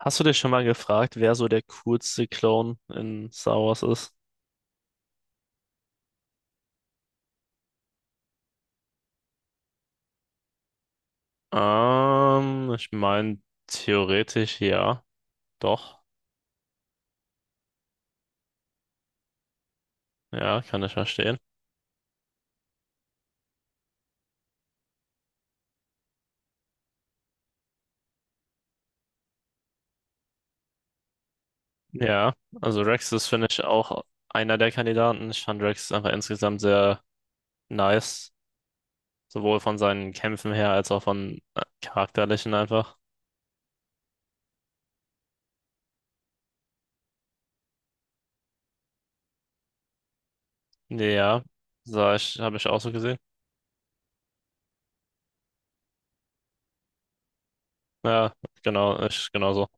Hast du dich schon mal gefragt, wer so der coolste Clone in Star Wars ist? Ich meine, theoretisch ja, doch. Ja, kann ich verstehen. Ja, also Rex ist, finde ich, auch einer der Kandidaten. Ich fand Rex einfach insgesamt sehr nice, sowohl von seinen Kämpfen her als auch von charakterlichen einfach. Ja, sah ich, habe ich auch so gesehen. Ja, genau, ich genauso.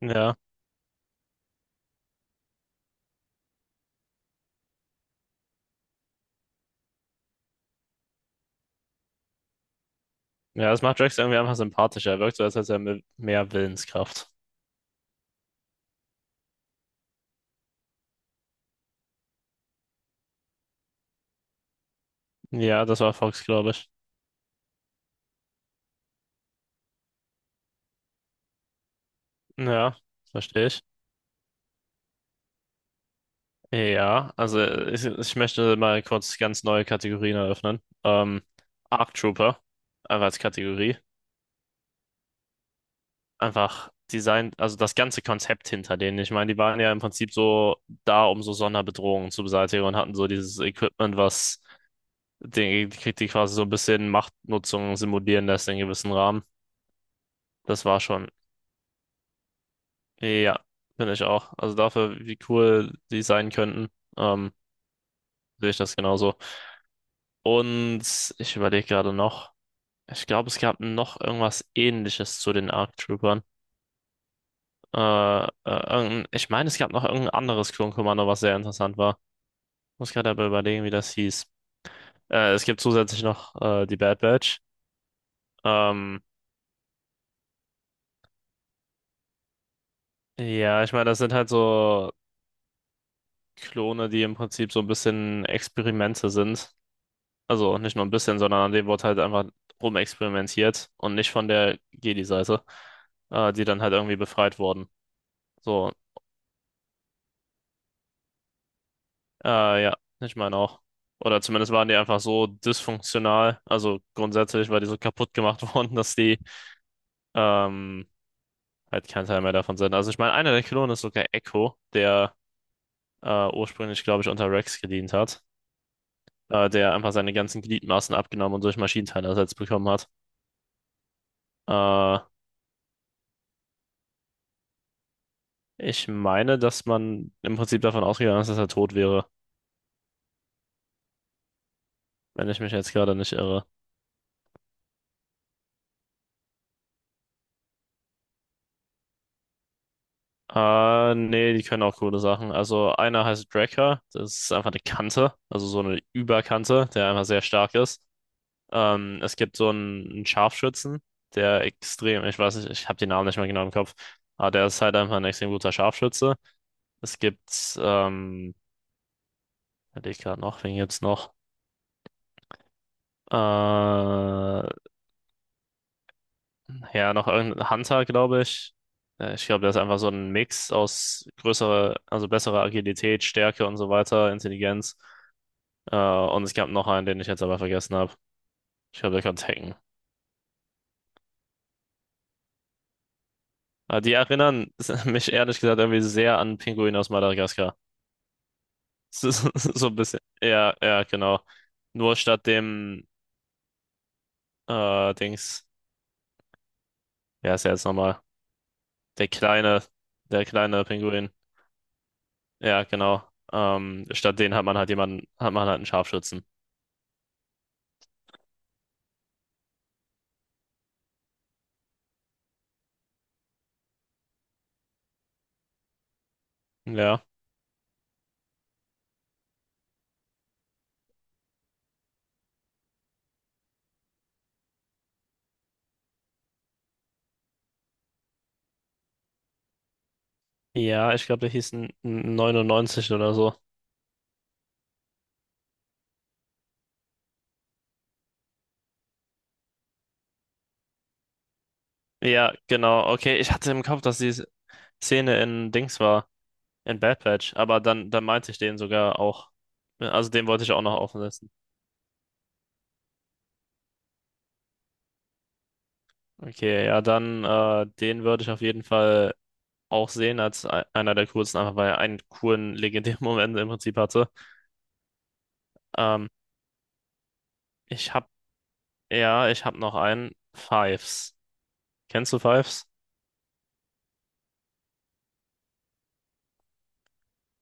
Ja, ja, das macht Rex irgendwie einfach sympathischer. Er wirkt so, als hätte er mehr Willenskraft. Ja, das war Fox, glaube ich. Ja, verstehe ich. Ja, also ich möchte mal kurz ganz neue Kategorien eröffnen. Arc Trooper, einfach als Kategorie. Einfach Design, also das ganze Konzept hinter denen. Ich meine, die waren ja im Prinzip so da, um so Sonderbedrohungen zu beseitigen und hatten so dieses Equipment, was den, die quasi so ein bisschen Machtnutzung simulieren lässt in gewissem Rahmen. Das war schon, ja, finde ich auch. Also dafür, wie cool die sein könnten, ähm, sehe ich das genauso. Und ich überlege gerade noch. Ich glaube, es gab noch irgendwas Ähnliches zu den ARC Troopern. Irgendein, ich meine, es gab noch irgendein anderes Klonkommando, was sehr interessant war. Muss gerade aber überlegen, wie das hieß. Es gibt zusätzlich noch die Bad Batch. Ähm, ja, ich meine, das sind halt so Klone, die im Prinzip so ein bisschen Experimente sind. Also nicht nur ein bisschen, sondern an denen wird halt einfach rumexperimentiert und nicht von der Jedi-Seite, die dann halt irgendwie befreit wurden. So, ja, ich meine auch. Oder zumindest waren die einfach so dysfunktional. Also grundsätzlich war die so kaputt gemacht worden, dass die ähm, halt kein Teil mehr davon sind. Also ich meine, einer der Klonen ist sogar Echo, der ursprünglich, glaube ich, unter Rex gedient hat. Der einfach seine ganzen Gliedmaßen abgenommen und durch Maschinenteile ersetzt bekommen hat. Äh, Ich meine, dass man im Prinzip davon ausgegangen ist, dass er tot wäre, wenn ich mich jetzt gerade nicht irre. Nee, die können auch coole Sachen. Also einer heißt Drakkar, das ist einfach eine Kante, also so eine Überkante, der einfach sehr stark ist. Es gibt so einen Scharfschützen, der extrem, ich weiß nicht, ich habe den Namen nicht mehr genau im Kopf, aber der ist halt einfach ein extrem guter Scharfschütze. Es gibt, ich gerade noch, wen gibt's noch? Ja, noch irgendein Hunter, glaube ich. Ich glaube, der ist einfach so ein Mix aus größerer, also besserer Agilität, Stärke und so weiter, Intelligenz. Und es gab noch einen, den ich jetzt aber vergessen habe. Ich glaube, der konnte hacken. Aber die erinnern mich ehrlich gesagt irgendwie sehr an Pinguin aus Madagaskar. So, so ein bisschen. Ja, ja, genau. Nur statt dem Dings, wer ist er jetzt nochmal? Der kleine, der kleine Pinguin. Ja, genau. Statt den hat man halt jemanden, hat man halt einen Scharfschützen. Ja. Ja, ich glaube, der hieß 99 oder so. Ja, genau. Okay, ich hatte im Kopf, dass die Szene in Dings war. In Bad Batch, aber dann meinte ich den sogar auch. Ne, also den wollte ich auch noch offen lassen. Okay, ja, dann den würde ich auf jeden Fall auch sehen als einer der coolsten, einfach weil er einen coolen, legendären Moment im Prinzip hatte. Ähm, ich hab, ja, ich hab noch einen. Fives. Kennst du Fives?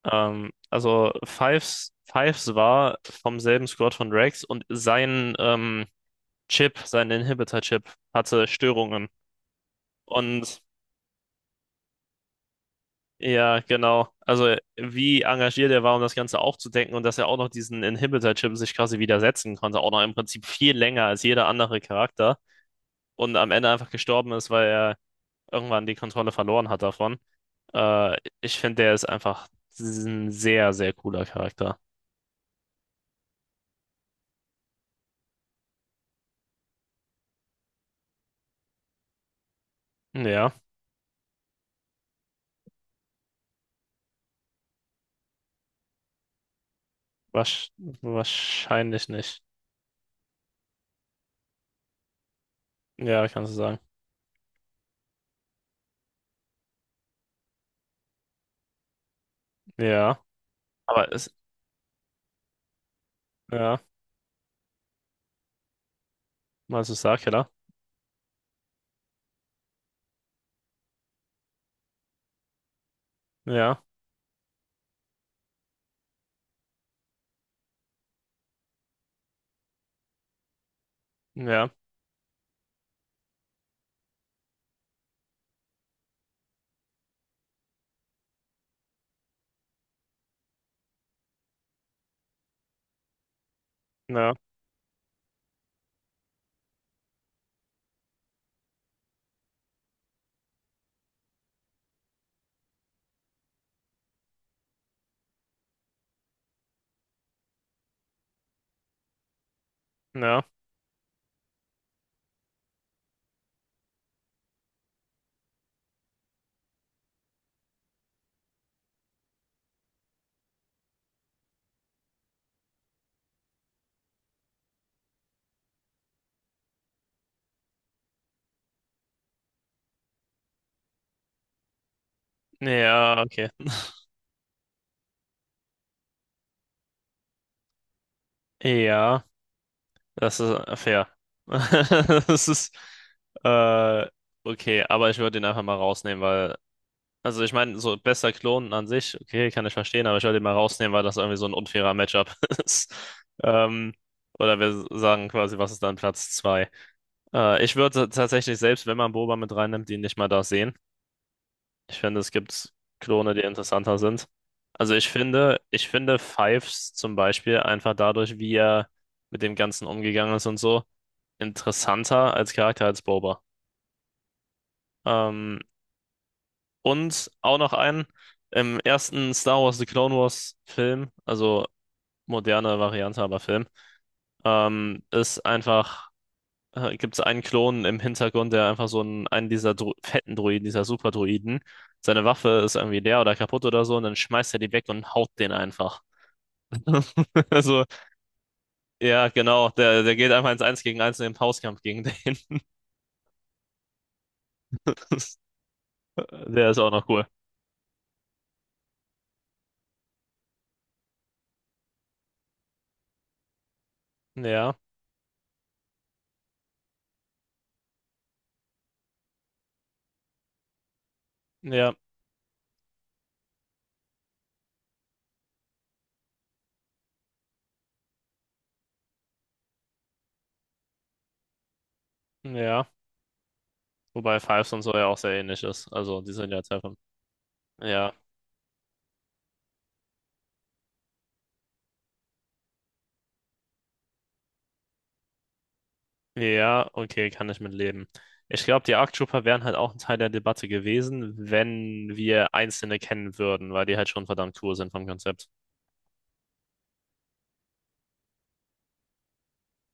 Also Fives war vom selben Squad von Rex und sein Chip, sein Inhibitor-Chip hatte Störungen. Und ja, genau. Also wie engagiert er war, um das Ganze aufzudecken und dass er auch noch diesen Inhibitor-Chip sich quasi widersetzen konnte, auch noch im Prinzip viel länger als jeder andere Charakter und am Ende einfach gestorben ist, weil er irgendwann die Kontrolle verloren hat davon. Äh, ich finde, der ist einfach ein sehr, sehr cooler Charakter. Ja, wasch- wahrscheinlich nicht. Ja, kannst du sagen. Ja, aber es, ja, meinst du Starkiller? Ja, ja, ja, ja, ja, okay. Ja. Das ist fair. Das ist, äh, okay, aber ich würde ihn einfach mal rausnehmen, weil, also ich meine, so bester Klon an sich, okay, kann ich verstehen, aber ich würde ihn mal rausnehmen, weil das irgendwie so ein unfairer Matchup ist. Ähm, oder wir sagen quasi, was ist dann Platz zwei. Ich würde tatsächlich, selbst wenn man Boba mit reinnimmt, ihn nicht mal da sehen. Ich finde, es gibt Klone, die interessanter sind. Also ich finde Fives zum Beispiel einfach dadurch, wie er mit dem Ganzen umgegangen ist und so interessanter als Charakter als Boba. Ähm, und auch noch einen, im ersten Star Wars The Clone Wars Film, also moderne Variante, aber Film, ist einfach, gibt es einen Klon im Hintergrund, der einfach so einen, einen dieser Dro fetten Droiden, dieser Superdroiden, seine Waffe ist irgendwie leer oder kaputt oder so und dann schmeißt er die weg und haut den einfach. Also, ja, genau, der geht einfach ins Eins gegen Eins in den Faustkampf gegen den. Der ist auch noch cool. Ja, ja, ja. Wobei Fives und so ja auch sehr ähnlich ist. Also die sind ja Treffer. Ja. Ja, okay, kann ich mit leben. Ich glaube, die Arc Trooper wären halt auch ein Teil der Debatte gewesen, wenn wir einzelne kennen würden, weil die halt schon verdammt cool sind vom Konzept.